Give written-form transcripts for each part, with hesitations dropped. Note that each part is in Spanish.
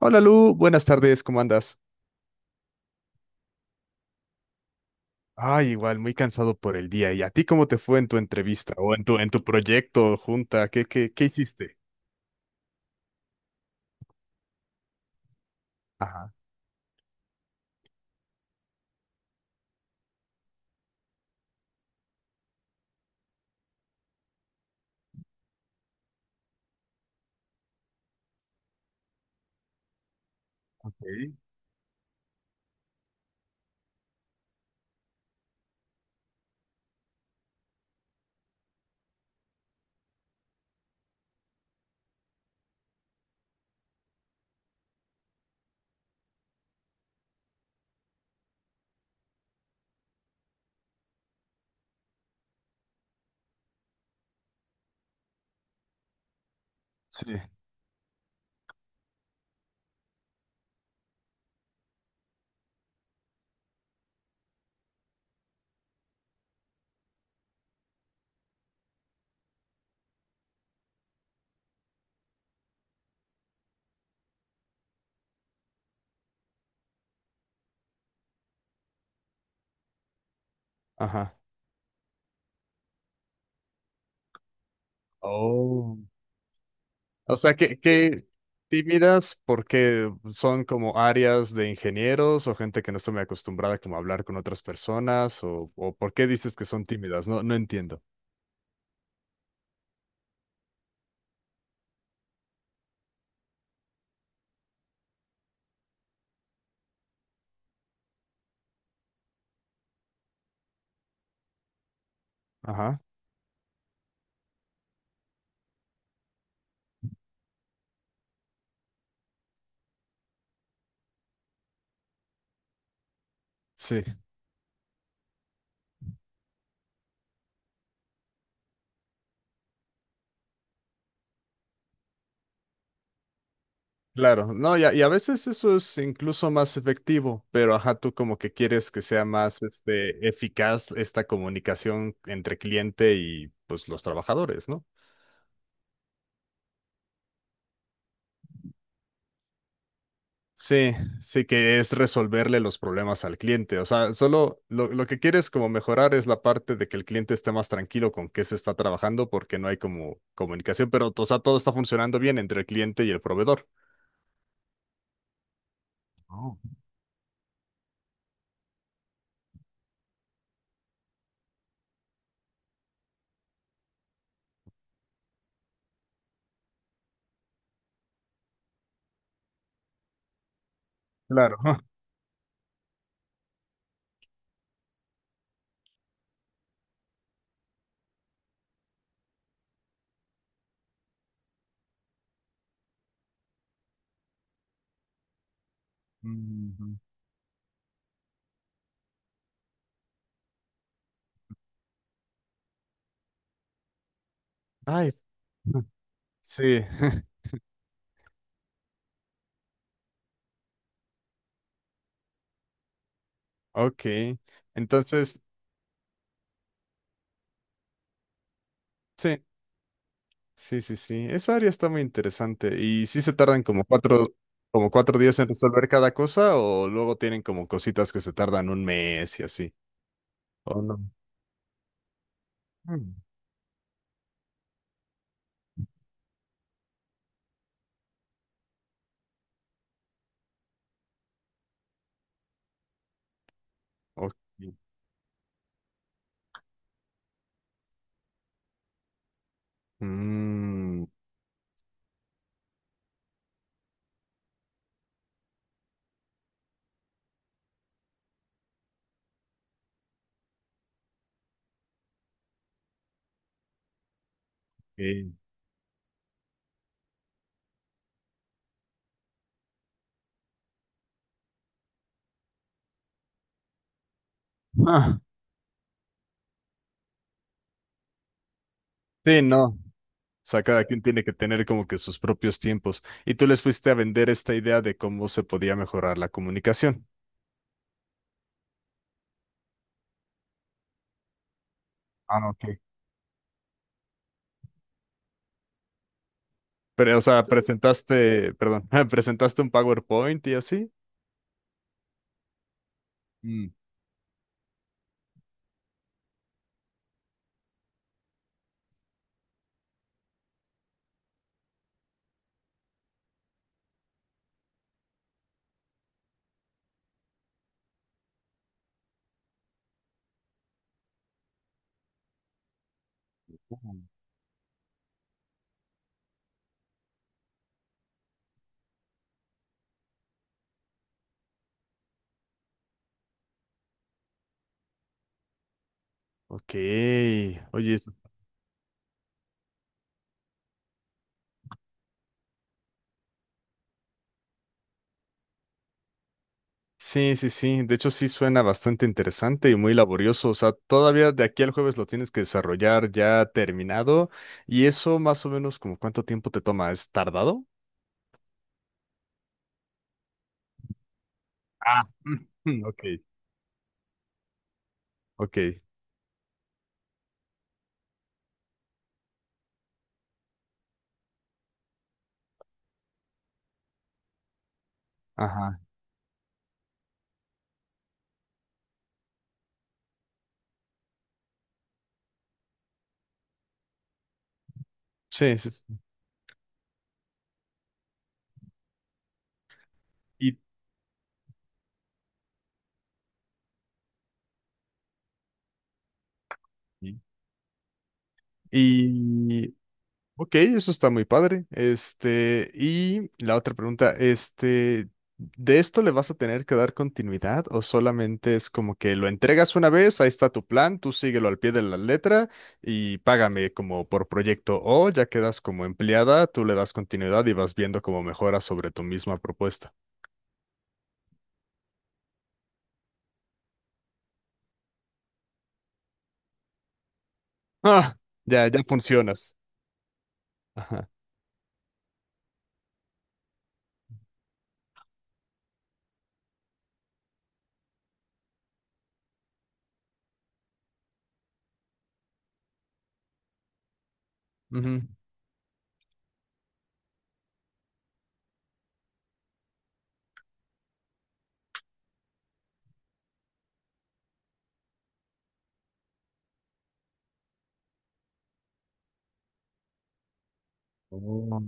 Hola Lu, buenas tardes, ¿cómo andas? Ay, igual, muy cansado por el día. ¿Y a ti cómo te fue en tu entrevista o en tu proyecto junta? ¿Qué hiciste? Ajá, ok. Sí. Ajá. Oh. O sea, ¿qué sí miras? Porque son como áreas de ingenieros o gente que no está muy acostumbrada como a hablar con otras personas, ¿o por qué dices que son tímidas? No, no entiendo. Ajá. Claro, no, y a veces eso es incluso más efectivo, pero ajá, tú como que quieres que sea más eficaz esta comunicación entre cliente y pues los trabajadores, ¿no? Sí, sí que es resolverle los problemas al cliente. O sea, solo lo que quieres como mejorar es la parte de que el cliente esté más tranquilo con qué se está trabajando porque no hay como comunicación, pero o sea, todo está funcionando bien entre el cliente y el proveedor. Oh. Claro. Ujú. Ay, sí. Ok, entonces, sí, sí, sí, sí. Esa área está muy interesante. ¿Y si se tardan como 4 días en resolver cada cosa o luego tienen como cositas que se tardan un mes y así? ¿O no? Mm. Ok. Mm, ok. Ah, sí, no. O sea, cada quien tiene que tener como que sus propios tiempos. Y tú les fuiste a vender esta idea de cómo se podía mejorar la comunicación. Ah, ok. Pero, o sea, presentaste, perdón, presentaste un PowerPoint y así. Ujú. Ok, oye, sí, sí, sí, de hecho sí suena bastante interesante y muy laborioso, o sea, todavía de aquí al jueves lo tienes que desarrollar ya terminado y eso más o menos como cuánto tiempo te toma, ¿es tardado? Ah, ok, ok, ajá, sí, sí, sí. Y, y, Ok, eso está muy padre. Y la otra pregunta, ¿de esto le vas a tener que dar continuidad o solamente es como que lo entregas una vez, ahí está tu plan, tú síguelo al pie de la letra y págame como por proyecto o ya quedas como empleada, tú le das continuidad y vas viendo cómo mejoras sobre tu misma propuesta? Ah, ya, ya funcionas. Ajá. Ujú. Oh.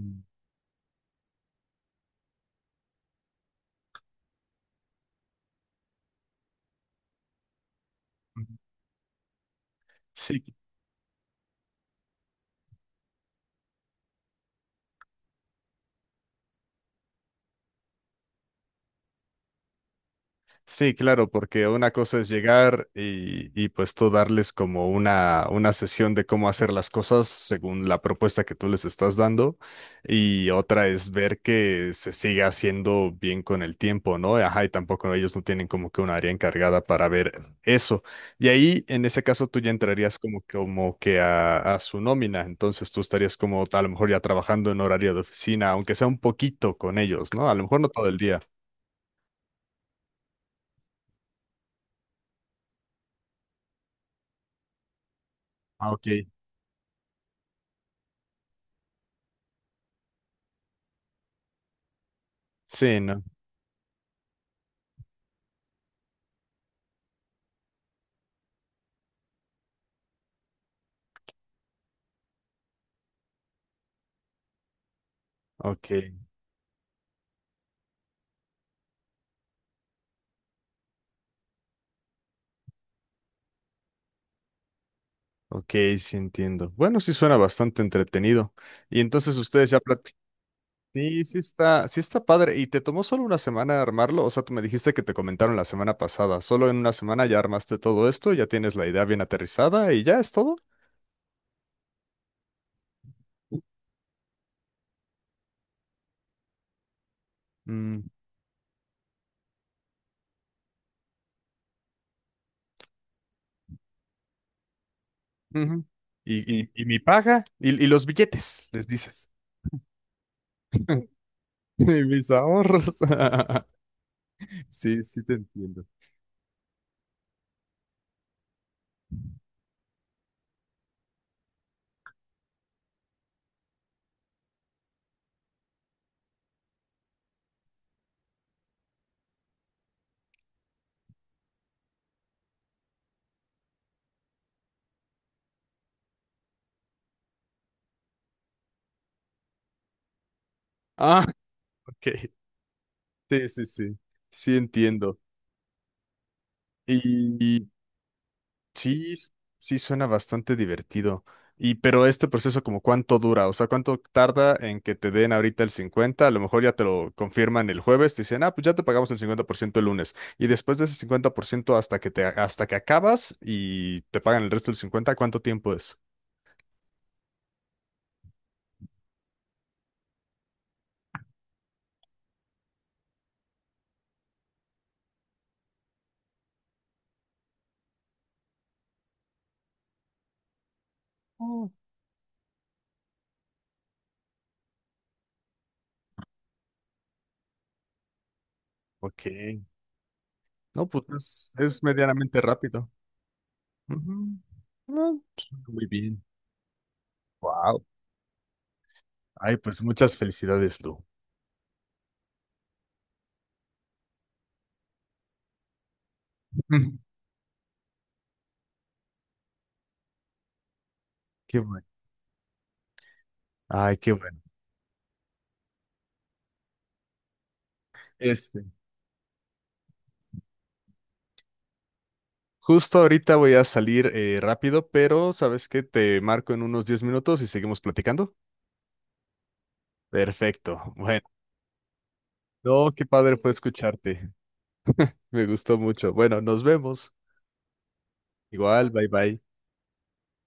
Ujú. Sí, sí, claro, porque una cosa es llegar y pues tú darles como una sesión de cómo hacer las cosas según la propuesta que tú les estás dando y otra es ver que se siga haciendo bien con el tiempo, ¿no? Ajá, y tampoco ellos no tienen como que un área encargada para ver eso. Y ahí, en ese caso, tú ya entrarías como que a su nómina, entonces tú estarías como a lo mejor ya trabajando en horario de oficina, aunque sea un poquito con ellos, ¿no? A lo mejor no todo el día. Ah, ok. Sí, no. Ok, ok, sí entiendo. Bueno, sí suena bastante entretenido. Y entonces ustedes ya platicaron. Sí, sí está padre. ¿Y te tomó solo una semana armarlo? O sea, tú me dijiste que te comentaron la semana pasada. Solo en una semana ya armaste todo esto, ya tienes la idea bien aterrizada y ya es todo. Mm, ujú. Y mi paga y los billetes, les dices. Y mis ahorros. Sí, sí te entiendo. Ah, ok. Sí, sí, sí. Sí entiendo. Y, Sí, s- sí suena bastante divertido. Y pero este proceso como cuánto dura, o sea, ¿cuánto tarda en que te den ahorita el 50? A lo mejor ya te lo confirman el jueves, te dicen, ah, pues ya te pagamos el 50% el lunes. Y después de ese 50% hasta que acabas y te pagan el resto del 50, ¿cuánto tiempo es? Oh, ok. No, pues es medianamente rápido. Ujú. No, suena muy bien. Wow. Ay, pues muchas felicidades, Lu. Qué bueno. Ay, qué bueno. Este. Justo ahorita voy a salir rápido, pero sabes que te marco en unos 10 minutos y seguimos platicando. Perfecto. Bueno, no, qué padre fue escucharte. Me gustó mucho. Bueno, nos vemos. Igual, bye bye.